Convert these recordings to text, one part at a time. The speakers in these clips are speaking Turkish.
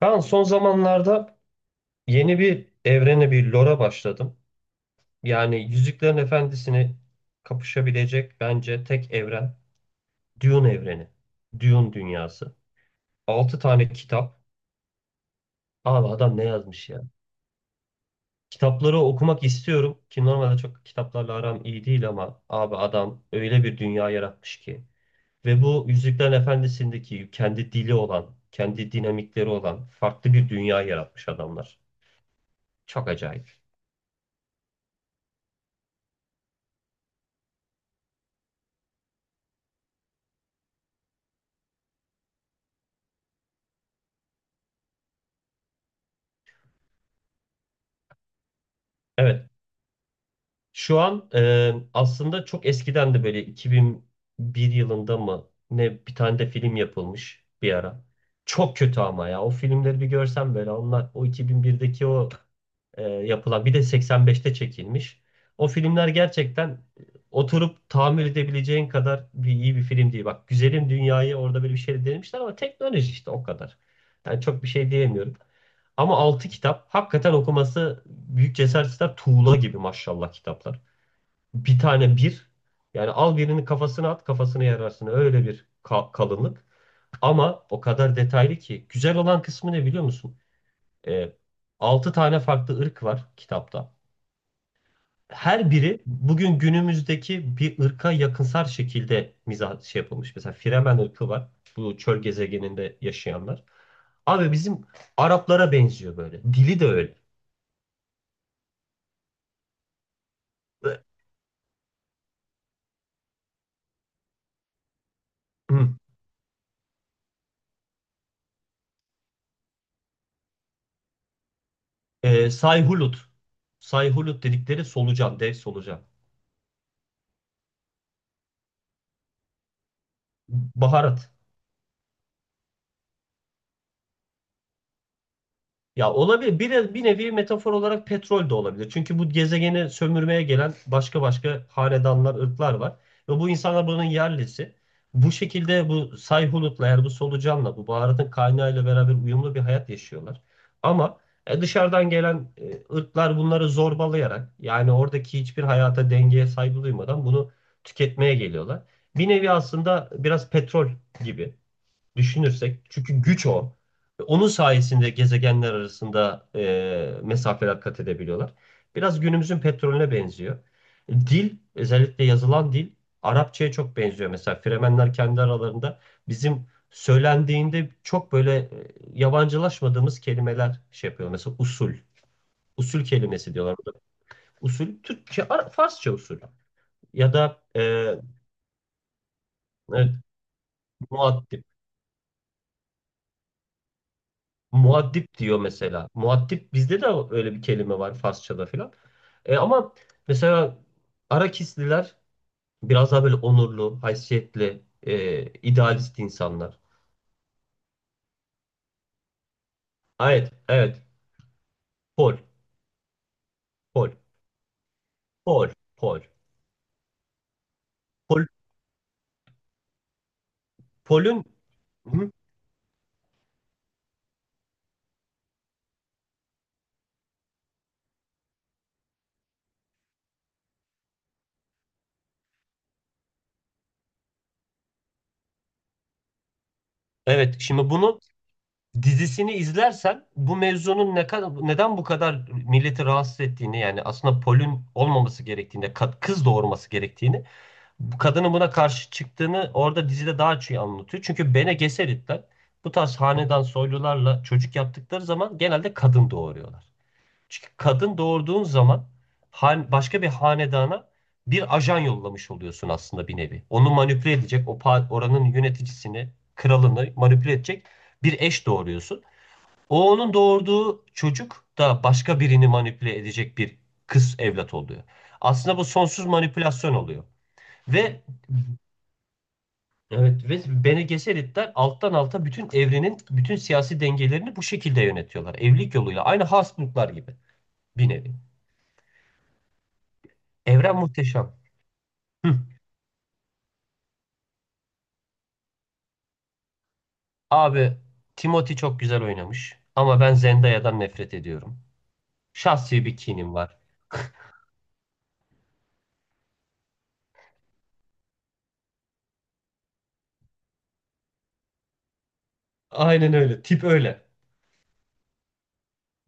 Ben son zamanlarda yeni bir evrene, bir lore'a başladım. Yani Yüzüklerin Efendisi'ni kapışabilecek bence tek evren Dune evreni. Dune dünyası. 6 tane kitap. Abi adam ne yazmış ya? Kitapları okumak istiyorum ki normalde çok kitaplarla aram iyi değil ama abi adam öyle bir dünya yaratmış ki. Ve bu Yüzüklerin Efendisi'ndeki kendi dili olan, kendi dinamikleri olan farklı bir dünya yaratmış adamlar. Çok acayip. Evet. Şu an aslında çok eskiden de böyle 2001 yılında mı ne bir tane de film yapılmış bir ara. Çok kötü ama ya o filmleri bir görsem böyle onlar o 2001'deki o yapılan bir de 85'te çekilmiş. O filmler gerçekten oturup tahammül edebileceğin kadar bir iyi bir film değil. Bak Güzelim Dünya'yı orada böyle bir şey denemişler ama teknoloji işte o kadar. Yani çok bir şey diyemiyorum. Ama altı kitap hakikaten okuması büyük cesaret ister. Tuğla gibi maşallah kitaplar bir tane bir. Yani al birini kafasına at kafasına yararsın. Öyle bir kalınlık. Ama o kadar detaylı ki. Güzel olan kısmı ne biliyor musun? Ee, 6 tane farklı ırk var kitapta. Her biri bugün günümüzdeki bir ırka yakınsar şekilde mizah şey yapılmış. Mesela Fremen ırkı var. Bu çöl gezegeninde yaşayanlar. Abi bizim Araplara benziyor böyle. Dili de öyle. Hı. Sayhulut. Sayhulut dedikleri solucan, dev solucan. Baharat. Ya olabilir. Bir, bir nevi metafor olarak petrol de olabilir. Çünkü bu gezegeni sömürmeye gelen başka başka hanedanlar, ırklar var. Ve bu insanlar buranın yerlisi. Bu şekilde bu Sayhunut'la eğer bu solucanla, bu baharatın kaynağıyla beraber uyumlu bir hayat yaşıyorlar. Ama dışarıdan gelen ırklar bunları zorbalayarak yani oradaki hiçbir hayata dengeye saygı duymadan bunu tüketmeye geliyorlar. Bir nevi aslında biraz petrol gibi düşünürsek çünkü güç o. Ve onun sayesinde gezegenler arasında mesafeler kat edebiliyorlar. Biraz günümüzün petrolüne benziyor. Dil, özellikle yazılan dil Arapçaya çok benziyor. Mesela Fremenler kendi aralarında bizim söylendiğinde çok böyle yabancılaşmadığımız kelimeler şey yapıyor. Mesela usul, usul kelimesi diyorlar. Usul Türkçe, Farsça usul ya da evet, muaddi. Muaddip diyor mesela. Muaddip bizde de öyle bir kelime var Farsçada filan. Ama mesela Arakisliler biraz daha böyle onurlu, haysiyetli, idealist insanlar. Evet, evet. Pol, pol, pol, pol. Pol, pol'ün. Hı. Evet, şimdi bunu dizisini izlersen bu mevzunun ne kadar neden bu kadar milleti rahatsız ettiğini yani aslında polün olmaması gerektiğini, kız doğurması gerektiğini bu kadının buna karşı çıktığını orada dizide daha çok iyi anlatıyor. Çünkü Bene Gesseritler bu tarz hanedan soylularla çocuk yaptıkları zaman genelde kadın doğuruyorlar. Çünkü kadın doğurduğun zaman başka bir hanedana bir ajan yollamış oluyorsun aslında bir nevi. Onu manipüle edecek, o oranın yöneticisini, kralını manipüle edecek bir eş doğuruyorsun. O onun doğurduğu çocuk da başka birini manipüle edecek bir kız evlat oluyor. Aslında bu sonsuz manipülasyon oluyor. Ve Evet ve Bene Gesseritler alttan alta bütün evrenin bütün siyasi dengelerini bu şekilde yönetiyorlar. Evlilik yoluyla. Aynı Habsburglar gibi bir nevi. Evren muhteşem. Hı. Abi Timothy çok güzel oynamış ama ben Zendaya'dan nefret ediyorum. Şahsi bir kinim var. Aynen öyle. Tip öyle.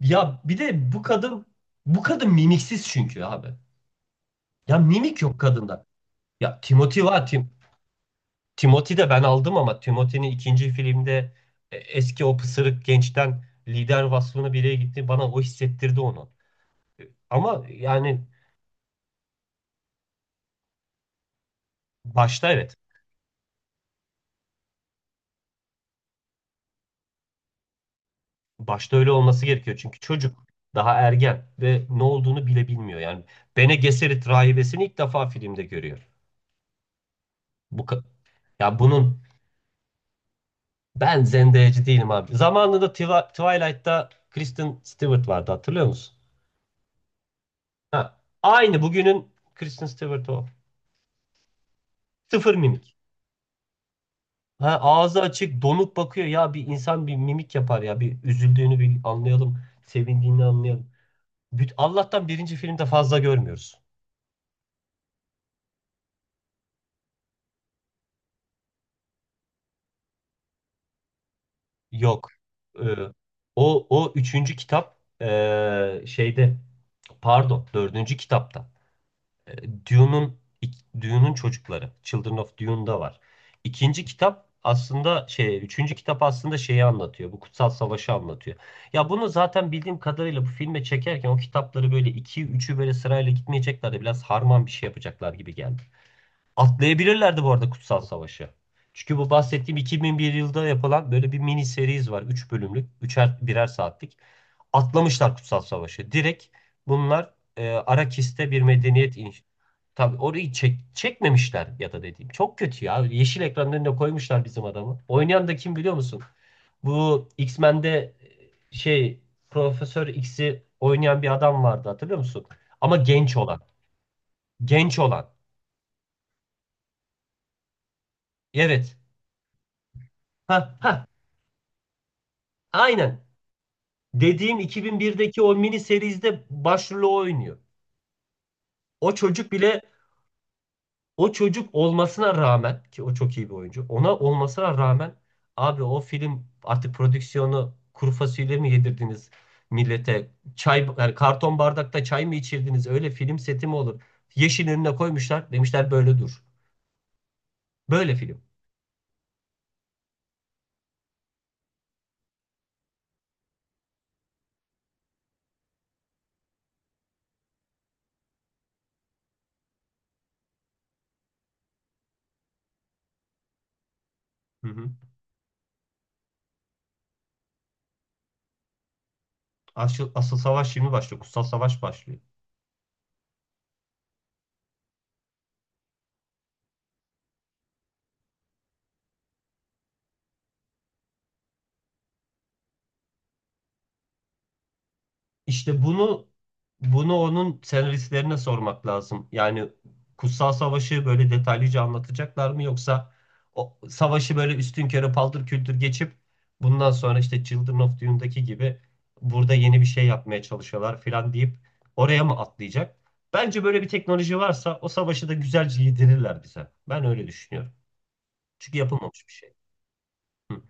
Ya bir de bu kadın bu kadın mimiksiz çünkü abi. Ya mimik yok kadında. Ya Timothy var. Timothy de ben aldım ama Timothy'nin ikinci filmde eski o pısırık gençten lider vasfına biriye gitti. Bana o hissettirdi onu. Ama yani başta evet. Başta öyle olması gerekiyor. Çünkü çocuk daha ergen ve ne olduğunu bile bilmiyor. Yani Bene Gesserit rahibesini ilk defa filmde görüyor. Bu ka- Ya bunun ben zendeyeci değilim abi. Zamanında Twilight'ta Kristen Stewart vardı hatırlıyor musun? Ha, aynı bugünün Kristen Stewart o. Sıfır mimik. Ha, ağzı açık, donuk bakıyor. Ya bir insan bir mimik yapar ya. Bir üzüldüğünü bir anlayalım, sevindiğini anlayalım. Allah'tan birinci filmde fazla görmüyoruz. Yok. Ee, o üçüncü kitap şeyde pardon dördüncü kitapta. E, Dune'un Dune'un çocukları. Children of Dune'da var. İkinci kitap aslında şey, üçüncü kitap aslında şeyi anlatıyor. Bu kutsal savaşı anlatıyor. Ya bunu zaten bildiğim kadarıyla bu filme çekerken o kitapları böyle iki, üçü böyle sırayla gitmeyecekler de biraz harman bir şey yapacaklar gibi geldi. Atlayabilirlerdi bu arada Kutsal Savaş'ı. Çünkü bu bahsettiğim 2001 yılda yapılan böyle bir mini seriz var. Üç bölümlük, üçer birer saatlik. Atlamışlar Kutsal Savaş'ı. Direkt bunlar Arakis'te bir medeniyet inşa... Tabii orayı çekmemişler ya da dediğim. Çok kötü ya. Yeşil ekranın önüne koymuşlar bizim adamı. Oynayan da kim biliyor musun? Bu X-Men'de e, şey Profesör X'i oynayan bir adam vardı hatırlıyor musun? Ama genç olan. Genç olan. Evet. Ha, aynen. Dediğim 2001'deki o mini serizde başrolü o oynuyor. O çocuk bile o çocuk olmasına rağmen ki o çok iyi bir oyuncu. Ona olmasına rağmen abi o film artık prodüksiyonu kuru fasulye mi yedirdiniz millete? Çay yani karton bardakta çay mı içirdiniz? Öyle film seti mi olur? Yeşil önüne koymuşlar. Demişler böyle dur. Böyle film. Hı hı. Asıl savaş şimdi başlıyor. Kutsal savaş başlıyor. İşte bunu onun senaristlerine sormak lazım. Yani Kutsal Savaş'ı böyle detaylıca anlatacaklar mı yoksa o savaşı böyle üstünkörü paldır küldür geçip bundan sonra işte Children of Dune'daki gibi burada yeni bir şey yapmaya çalışıyorlar filan deyip oraya mı atlayacak? Bence böyle bir teknoloji varsa o savaşı da güzelce yedirirler bize. Ben öyle düşünüyorum. Çünkü yapılmamış bir şey. Hı.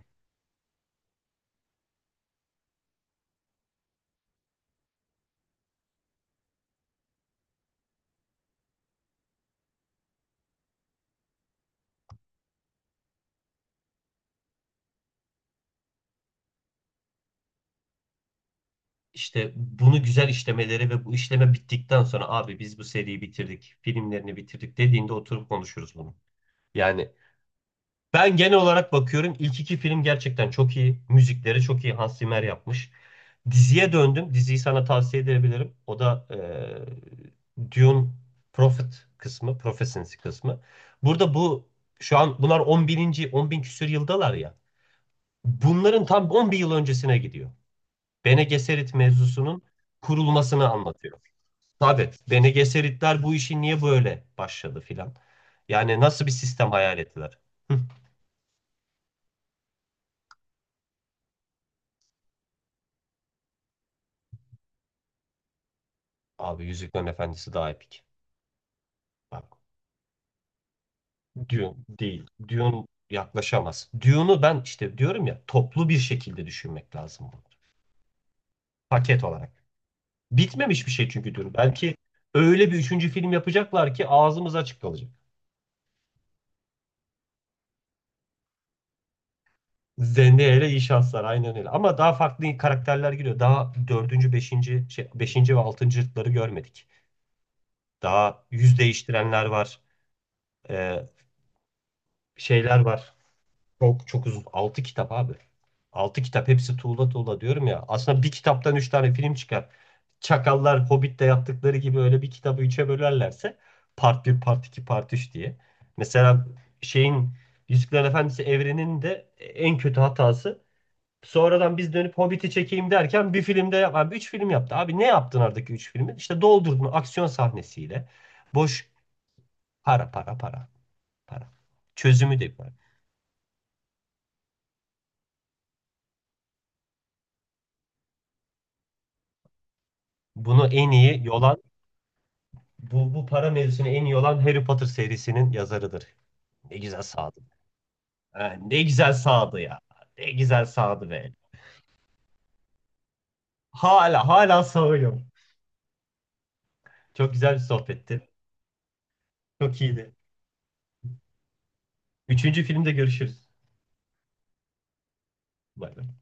İşte bunu güzel işlemeleri ve bu işleme bittikten sonra abi biz bu seriyi bitirdik, filmlerini bitirdik dediğinde oturup konuşuruz bunu. Yani ben genel olarak bakıyorum ilk iki film gerçekten çok iyi. Müzikleri çok iyi Hans Zimmer yapmış. Diziye döndüm. Diziyi sana tavsiye edebilirim. O da Dune Prophet kısmı, Prophecy kısmı. Burada bu şu an bunlar 10 bininci, 10 bin küsür yıldalar ya. Bunların tam 10 bin yıl öncesine gidiyor. Bene Gesserit mevzusunun kurulmasını anlatıyor. Tabii Bene Gesseritler bu işi niye böyle başladı filan. Yani nasıl bir sistem hayal ettiler? Hıh. Abi Yüzüklerin Efendisi daha epik. Bak Dune değil. Dune yaklaşamaz. Dune'u ben işte diyorum ya toplu bir şekilde düşünmek lazım bunu. Paket olarak. Bitmemiş bir şey çünkü Dune. Belki öyle bir üçüncü film yapacaklar ki ağzımız açık kalacak. Zendaya ile iyi şanslar aynen öyle. Ama daha farklı karakterler giriyor. Daha dördüncü, beşinci, şey, beşinci ve altıncılıkları görmedik. Daha yüz değiştirenler var. Ee, şeyler var. Çok çok uzun. Altı kitap abi. Altı kitap hepsi tuğla tuğla diyorum ya. Aslında bir kitaptan üç tane film çıkar. Çakallar Hobbit'te yaptıkları gibi öyle bir kitabı üçe bölerlerse part bir part 2 part 3 diye. Mesela şeyin Yüzüklerin Efendisi evreninin de en kötü hatası... Sonradan biz dönüp Hobbit'i çekeyim derken bir filmde 3 film yaptı. Abi ne yaptın aradaki 3 filmi? İşte doldurdun aksiyon sahnesiyle. Boş para para para para. Çözümü de var. Bunu en iyi yolan Bu para mevzusunu en iyi olan Harry Potter serisinin yazarıdır. Ne güzel sağdı. Ha, ne güzel sağdı ya. Ne güzel sağdı be. Hala hala sağıyorum. Çok güzel bir sohbetti. Çok iyiydi. Üçüncü filmde görüşürüz. Bay bay.